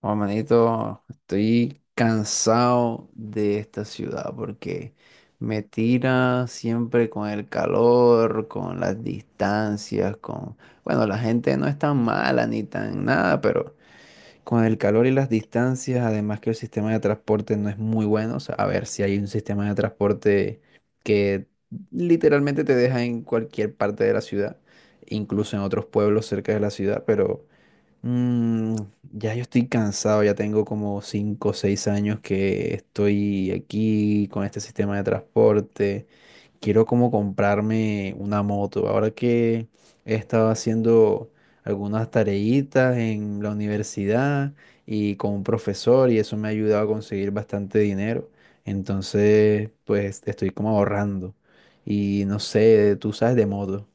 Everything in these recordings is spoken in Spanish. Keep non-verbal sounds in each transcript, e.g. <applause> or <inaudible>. Oh, manito, estoy cansado de esta ciudad porque me tira siempre con el calor, con las distancias, Bueno, la gente no es tan mala ni tan nada, pero con el calor y las distancias, además que el sistema de transporte no es muy bueno. O sea, a ver si hay un sistema de transporte que literalmente te deja en cualquier parte de la ciudad, incluso en otros pueblos cerca de la ciudad, Mm, ya yo estoy cansado, ya tengo como 5 o 6 años que estoy aquí con este sistema de transporte. Quiero como comprarme una moto. Ahora que he estado haciendo algunas tareitas en la universidad y con un profesor y eso me ha ayudado a conseguir bastante dinero. Entonces, pues estoy como ahorrando. Y no sé, tú sabes de moto.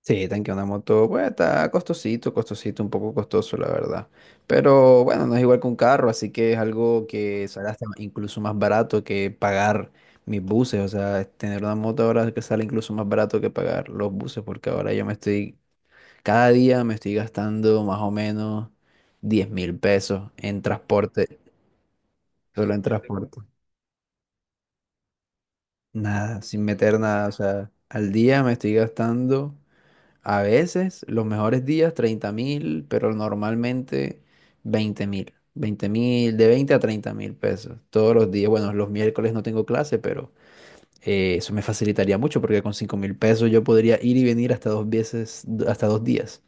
Sí, tanque una moto, pues está costosito, costosito, un poco costoso, la verdad. Pero bueno, no es igual que un carro, así que es algo que sale hasta incluso más barato que pagar mis buses. O sea, es tener una moto ahora que sale incluso más barato que pagar los buses, porque ahora cada día me estoy gastando más o menos 10.000 pesos en transporte, solo en transporte. Nada, sin meter nada, o sea, al día me estoy gastando. A veces, los mejores días 30.000, pero normalmente veinte mil, de 20 a 30.000 pesos. Todos los días, bueno, los miércoles no tengo clase, pero eso me facilitaría mucho porque con 5.000 pesos yo podría ir y venir hasta dos veces, hasta dos días.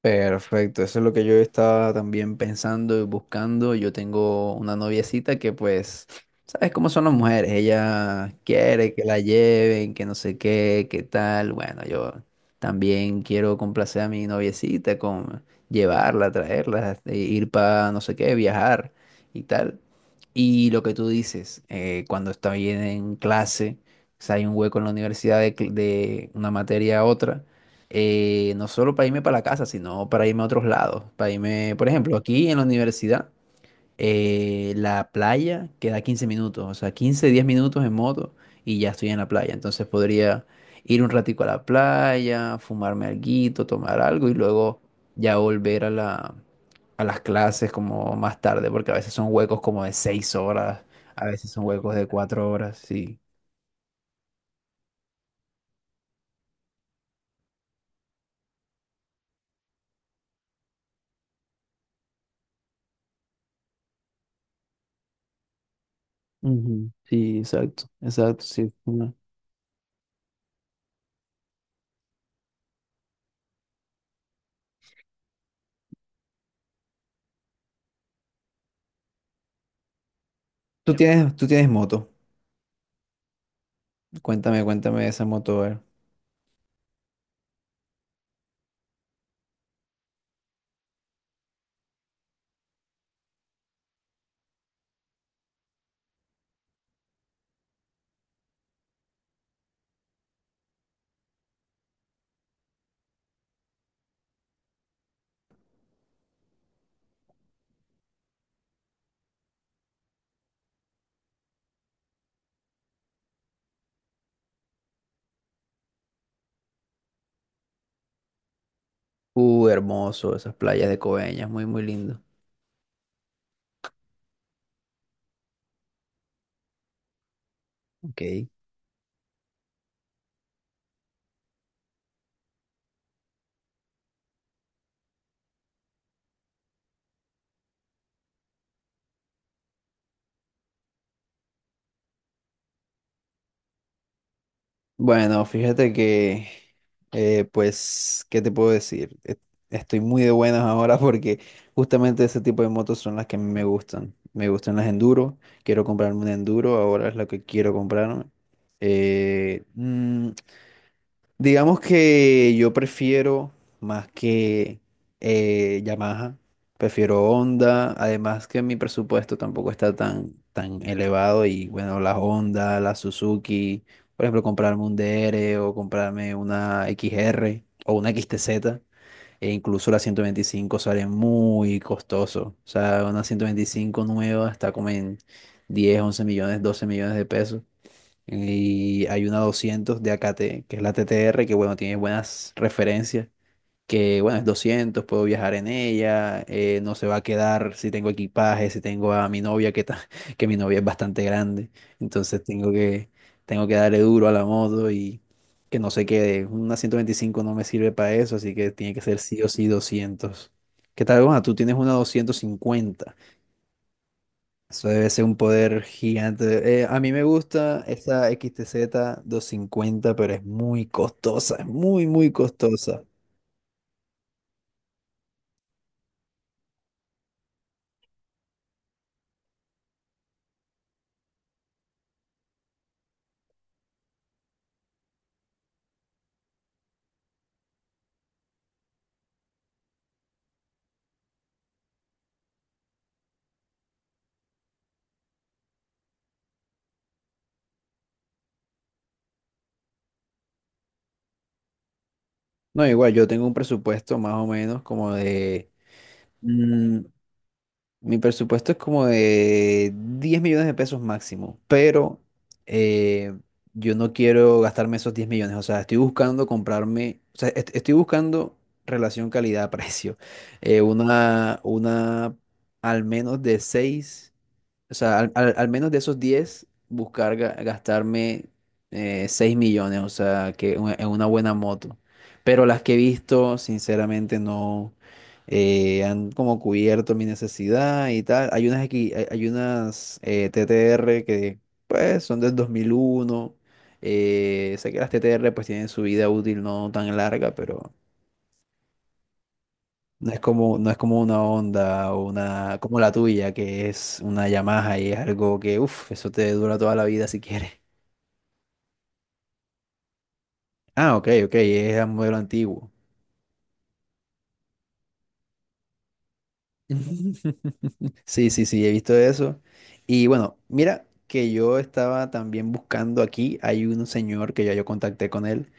Perfecto, eso es lo que yo estaba también pensando y buscando. Yo tengo una noviecita que pues, ¿sabes cómo son las mujeres? Ella quiere que la lleven, que no sé qué, qué tal. Bueno, yo también quiero complacer a mi noviecita con llevarla, traerla, ir para no sé qué, viajar y tal. Y lo que tú dices, cuando está bien en clase, o sea, hay un hueco en la universidad de una materia a otra no solo para irme para la casa, sino para irme a otros lados. Para irme, por ejemplo, aquí en la universidad, la playa queda 15 minutos, o sea, 15, 10 minutos en moto y ya estoy en la playa. Entonces podría ir un ratico a la playa, fumarme alguito, tomar algo y luego ya volver a las clases como más tarde, porque a veces son huecos como de 6 horas, a veces son huecos de 4 horas, sí. Ujú, sí, exacto, exacto, sí. Tú tienes moto. Cuéntame, cuéntame de esa moto, a ver. Hermoso, esas playas de Coveñas, muy, muy lindo. Ok. Bueno, fíjate que, ¿qué te puedo decir? Estoy muy de buenas ahora porque justamente ese tipo de motos son las que a mí me gustan. Me gustan las enduro, quiero comprarme un enduro, ahora es lo que quiero comprarme. Eh, mm, Digamos que yo prefiero más que Yamaha, prefiero Honda, además que mi presupuesto tampoco está tan, tan elevado y bueno, la Honda, la Suzuki, por ejemplo, comprarme un DR o comprarme una X-R o una X-T Z e incluso la 125 sale muy costoso, o sea, una 125 nueva está como en 10, 11 millones, 12 millones de pesos. Y hay una 200 de AKT, que es la TTR, que bueno, tiene buenas referencias, que bueno, es 200 puedo viajar en ella, no se va a quedar si tengo equipaje, si tengo a mi novia, <laughs> que mi novia es bastante grande, entonces tengo que darle duro a la moto y que no se quede. Una 125 no me sirve para eso, así que tiene que ser sí o sí 200. ¿Qué tal, Juan? Tú tienes una 250. Eso debe ser un poder gigante. A mí me gusta esa XTZ cincuenta, pero es muy costosa, es muy, muy costosa. No, igual, yo tengo un presupuesto más o menos como de... mm, mi presupuesto es como de 10 millones de pesos máximo, pero eh, yo no quiero gastarme esos 10 millones. O sea, estoy buscando comprarme, o sea, estoy buscando relación calidad-precio. Una al menos de 6. O sea, al menos de esos 10 buscar gastarme 6 millones, o sea, en una buena moto. Pero las que he visto, sinceramente, no han como cubierto mi necesidad y tal. Hay unas aquí, hay unas TTR que, pues, son del 2001. Sé que las TTR, pues, tienen su vida útil no tan larga, pero no es como, no es como una Honda o una, como la tuya, que es una Yamaha y es algo que, uff, eso te dura toda la vida si quieres. <laughs> Ah, ok, ok, es un modelo antiguo. <laughs> Sí, sí, sí, he visto eso. Y bueno, mira que yo estaba también buscando aquí, hay un señor que ya yo contacté con él.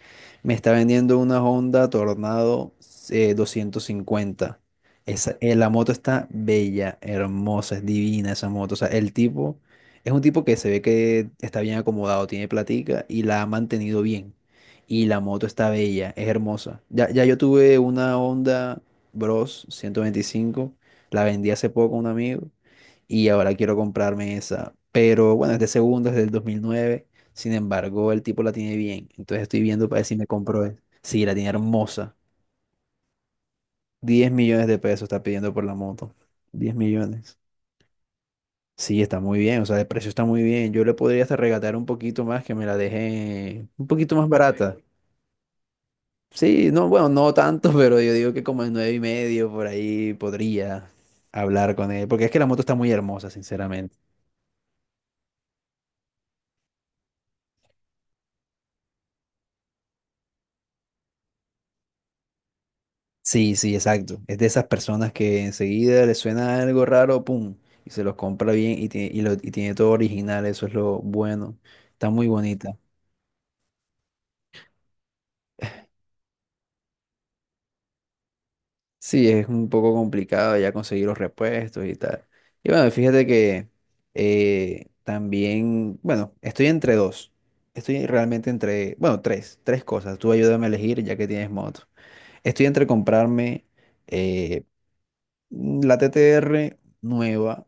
Me está vendiendo una Honda Tornado 250. Esa, la moto está bella, hermosa, es divina esa moto. O sea, el tipo es un tipo que se ve que está bien acomodado, tiene platica y la ha mantenido bien. Y la moto está bella, es hermosa. Ya, ya yo tuve una Honda Bros 125, la vendí hace poco a un amigo y ahora quiero comprarme esa. Pero bueno, es de segundo, es del 2009. Sin embargo, el tipo la tiene bien. Entonces estoy viendo para ver si me compro esa. Sí, la tiene hermosa. Diez millones de pesos está pidiendo por la moto. 10 millones. Sí, está muy bien. O sea, el precio está muy bien. Yo le podría hasta regatear un poquito más que me la deje un poquito más barata. Sí, no, bueno, no tanto, <laughs> pero yo digo que como en 9 y medio por ahí podría hablar con él. Porque es que la moto está muy hermosa, sinceramente. Sí, sí, exacto. Es de esas personas que enseguida le suena algo raro, pum, y se los compra bien y tiene, y lo, y tiene todo original, eso es lo bueno. Está muy bonita. Sí, es un poco complicado ya conseguir los repuestos y tal. Y bueno, fíjate que también, bueno, estoy entre dos. Estoy realmente entre, bueno, tres cosas. Tú ayúdame a elegir ya que tienes moto. Estoy entre comprarme eh, la TTR nueva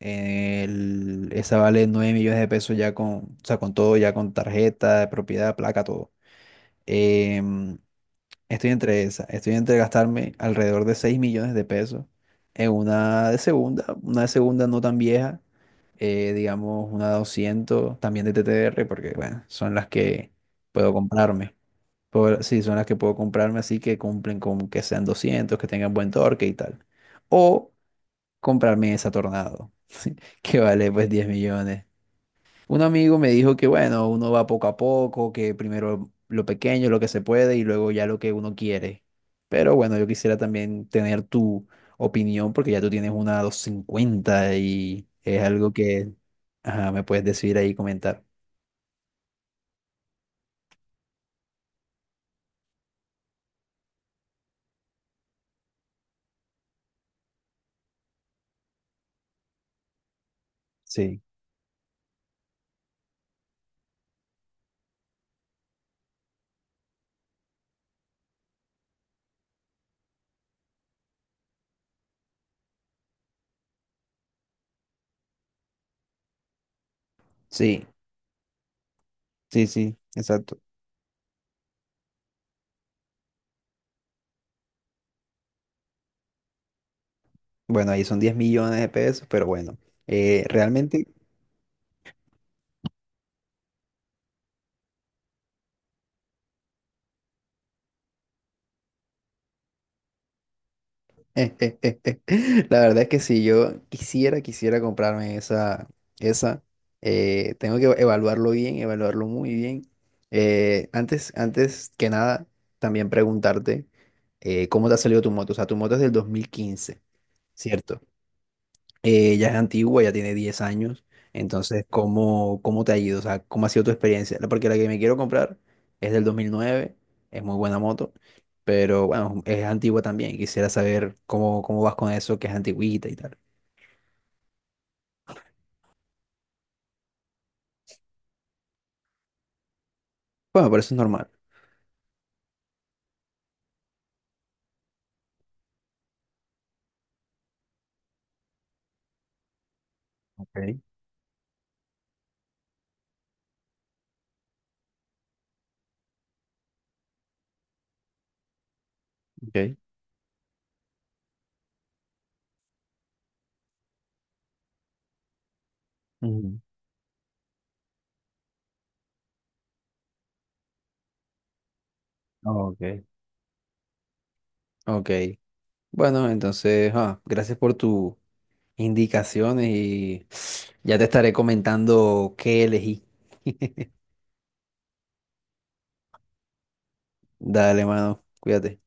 esa vale 9 millones de pesos ya con, o sea, con todo, ya con tarjeta, propiedad, placa, todo. Em, estoy entre esa, estoy entre gastarme alrededor de 6 millones de pesos en una de segunda no tan vieja, digamos una 200 también de TTR, porque bueno, son las que puedo comprarme. Sí, son las que puedo comprarme, así que cumplen con que sean 200, que tengan buen torque y tal. O comprarme esa Tornado, <laughs> que vale pues 10 millones. Un amigo me dijo que bueno, uno va poco a poco, que primero lo pequeño, lo que se puede y luego ya lo que uno quiere. Pero bueno, yo quisiera también tener tu opinión porque ya tú tienes una 250 y es algo que ajá, me puedes decir ahí y comentar. Sí, sí, sí, sí, exacto. Bueno, ahí son 10 millones de pesos, pero bueno, realmente... <laughs> La verdad es que si yo quisiera comprarme esa, tengo que evaluarlo bien, evaluarlo muy bien. Antes que nada, también preguntarte cómo te ha salido tu moto. O sea, tu moto es del 2015, ¿cierto? Ya es antigua, ya tiene 10 años. Entonces, ¿cómo te ha ido? O sea, ¿cómo ha sido tu experiencia? Porque la que me quiero comprar es del 2009, es muy buena moto, pero bueno, es antigua también. Quisiera saber cómo vas con eso, que es antigüita y tal. Bueno, pero eso es normal. Ok, ok. Ujú. Ok. Ok. Bueno, entonces, ah, gracias por tus indicaciones y ya te estaré comentando qué elegí. <laughs> Dale, mano, cuídate.